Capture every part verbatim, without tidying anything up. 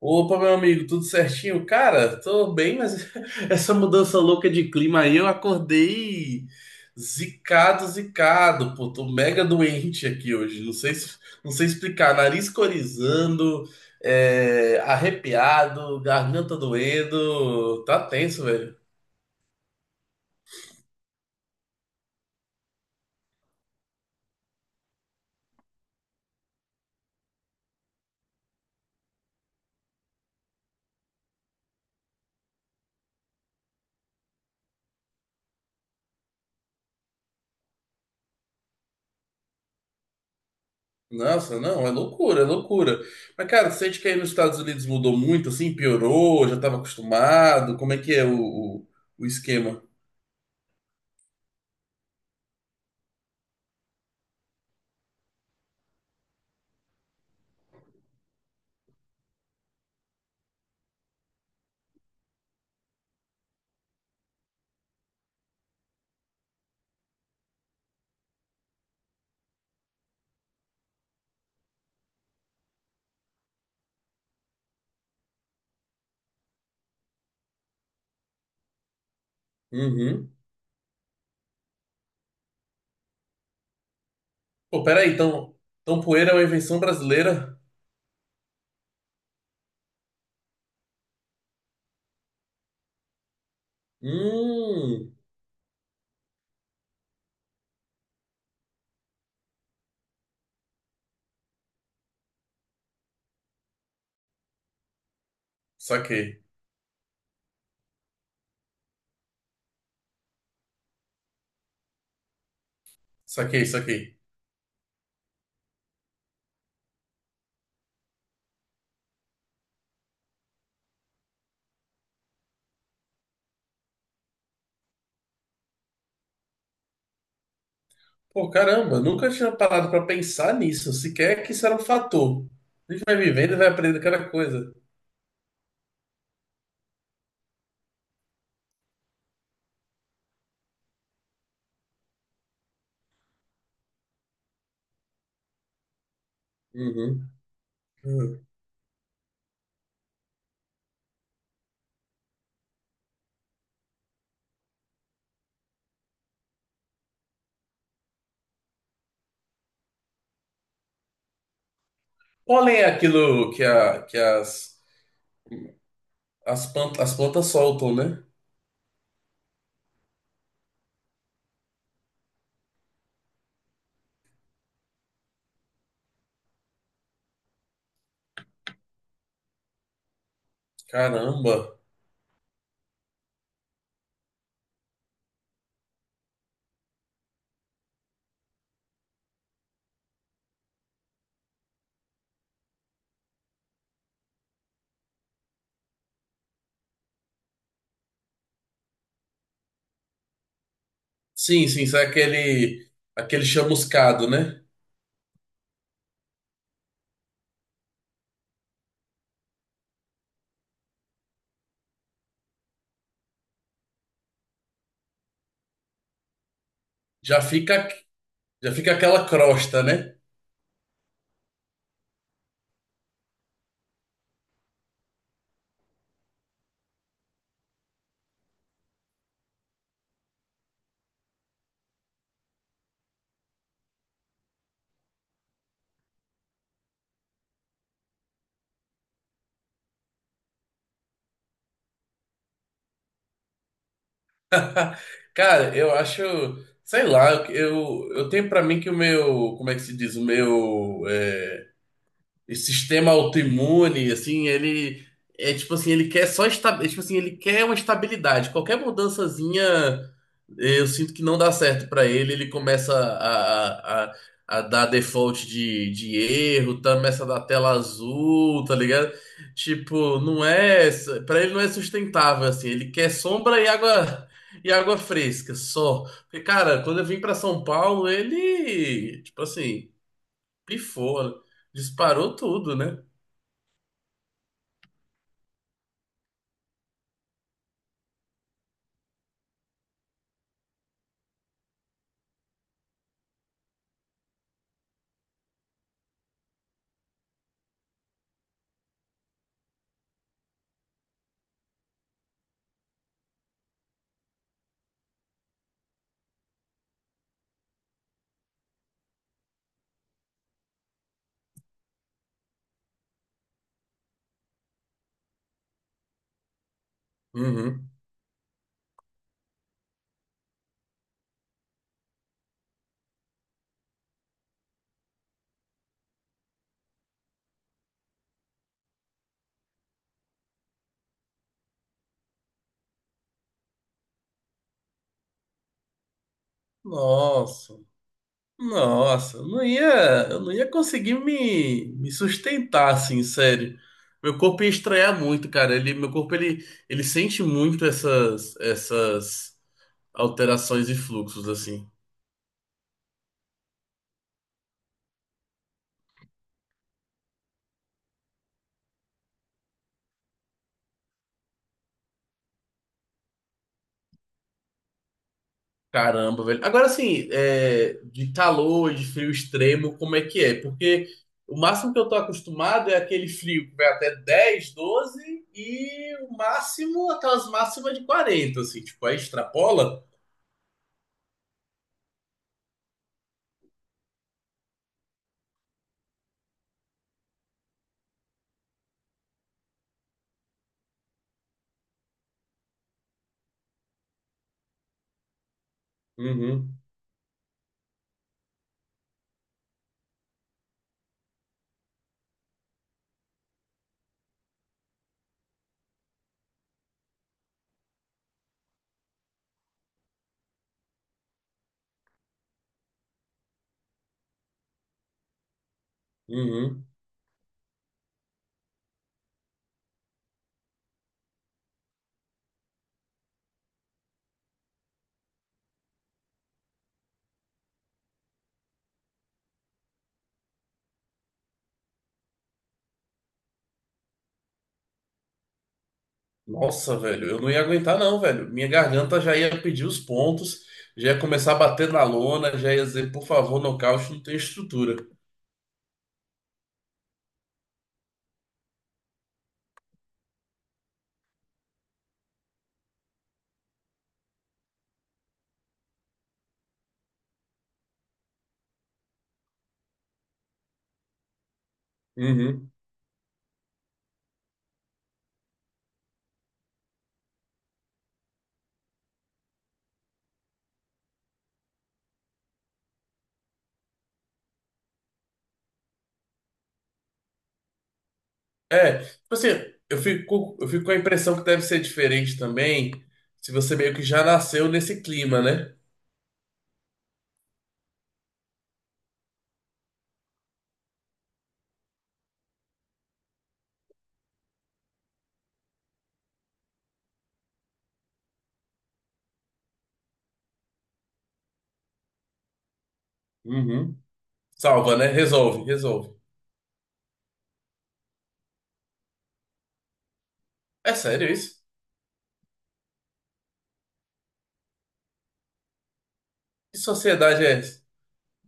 Opa, meu amigo, tudo certinho? Cara, tô bem, mas essa mudança louca de clima aí, eu acordei zicado, zicado, pô, tô mega doente aqui hoje, não sei, se- não sei explicar, nariz corizando, é, arrepiado, garganta doendo, tá tenso, velho. Nossa, não, é loucura, é loucura. Mas, cara, você sente que aí nos Estados Unidos mudou muito, assim, piorou, já tava acostumado, como é que é o, o, o esquema? Uhum. Pô, peraí, então, então poeira é uma invenção brasileira? Hum, saquei, saquei, saquei. Pô, caramba, nunca tinha parado pra pensar nisso, sequer que isso era um fator. A gente vai vivendo e vai aprendendo cada coisa. Uhum. Uhum. Pólen é aquilo que, a, que as, as, plantas, as plantas soltam, né? Caramba. Sim, sim, isso é aquele, aquele chamuscado, né? Já fica, já fica aquela crosta, né? Cara, eu acho, sei lá, eu, eu tenho pra mim que o meu, como é que se diz, o meu, é, esse sistema autoimune, assim, ele é tipo assim, ele quer só esta, é, tipo assim, ele quer uma estabilidade. Qualquer mudançazinha, eh, eu sinto que não dá certo pra ele, ele começa a, a, a, a dar default de, de erro, tá, começa a dar tela azul, tá ligado? Tipo, não é, pra ele não é sustentável assim, ele quer sombra e água. E água fresca, só. Porque, cara, quando eu vim pra São Paulo, ele, tipo assim, pifou, disparou tudo, né? Uhum. Nossa, nossa, eu não ia, eu não ia conseguir me, me sustentar assim, sério. Meu corpo ia estranhar muito, cara. Ele, meu corpo ele, ele sente muito essas, essas alterações e fluxos assim. Caramba, velho. Agora, assim, é, de calor, de frio extremo, como é que é? Porque o máximo que eu tô acostumado é aquele frio que vai até dez, doze, e o máximo, aquelas máximas de quarenta, assim, tipo, aí extrapola. Uhum, uhum. Nossa, velho, eu não ia aguentar não, velho. Minha garganta já ia pedir os pontos, já ia começar a bater na lona, já ia dizer, por favor, nocaute, não tem estrutura. Uhum. É, tipo assim, eu fico, eu fico com a impressão que deve ser diferente também, se você meio que já nasceu nesse clima, né? Uhum. Salva, né? Resolve, resolve. É sério isso? Que sociedade é essa?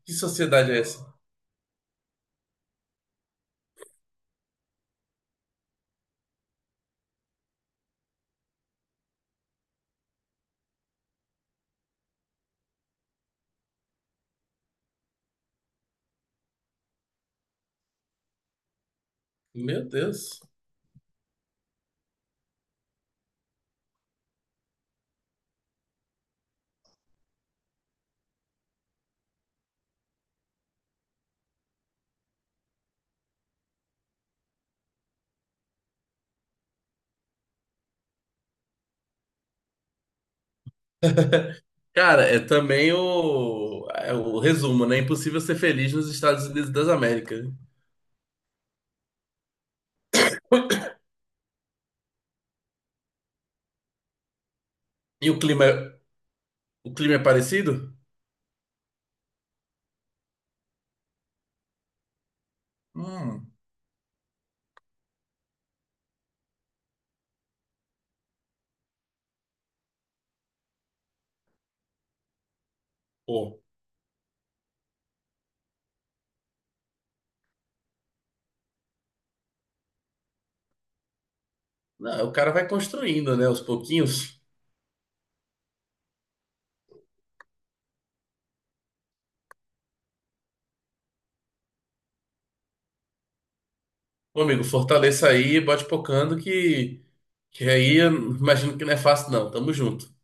Que sociedade é essa? Meu Deus. Cara, é também o, é o resumo, né? Impossível ser feliz nos Estados Unidos das Américas. E o clima, é- o clima é parecido? Hum, pô. Não, o cara vai construindo, né? Aos pouquinhos. Meu amigo, fortaleça aí, bote pocando que, que aí eu imagino que não é fácil não. Tamo junto.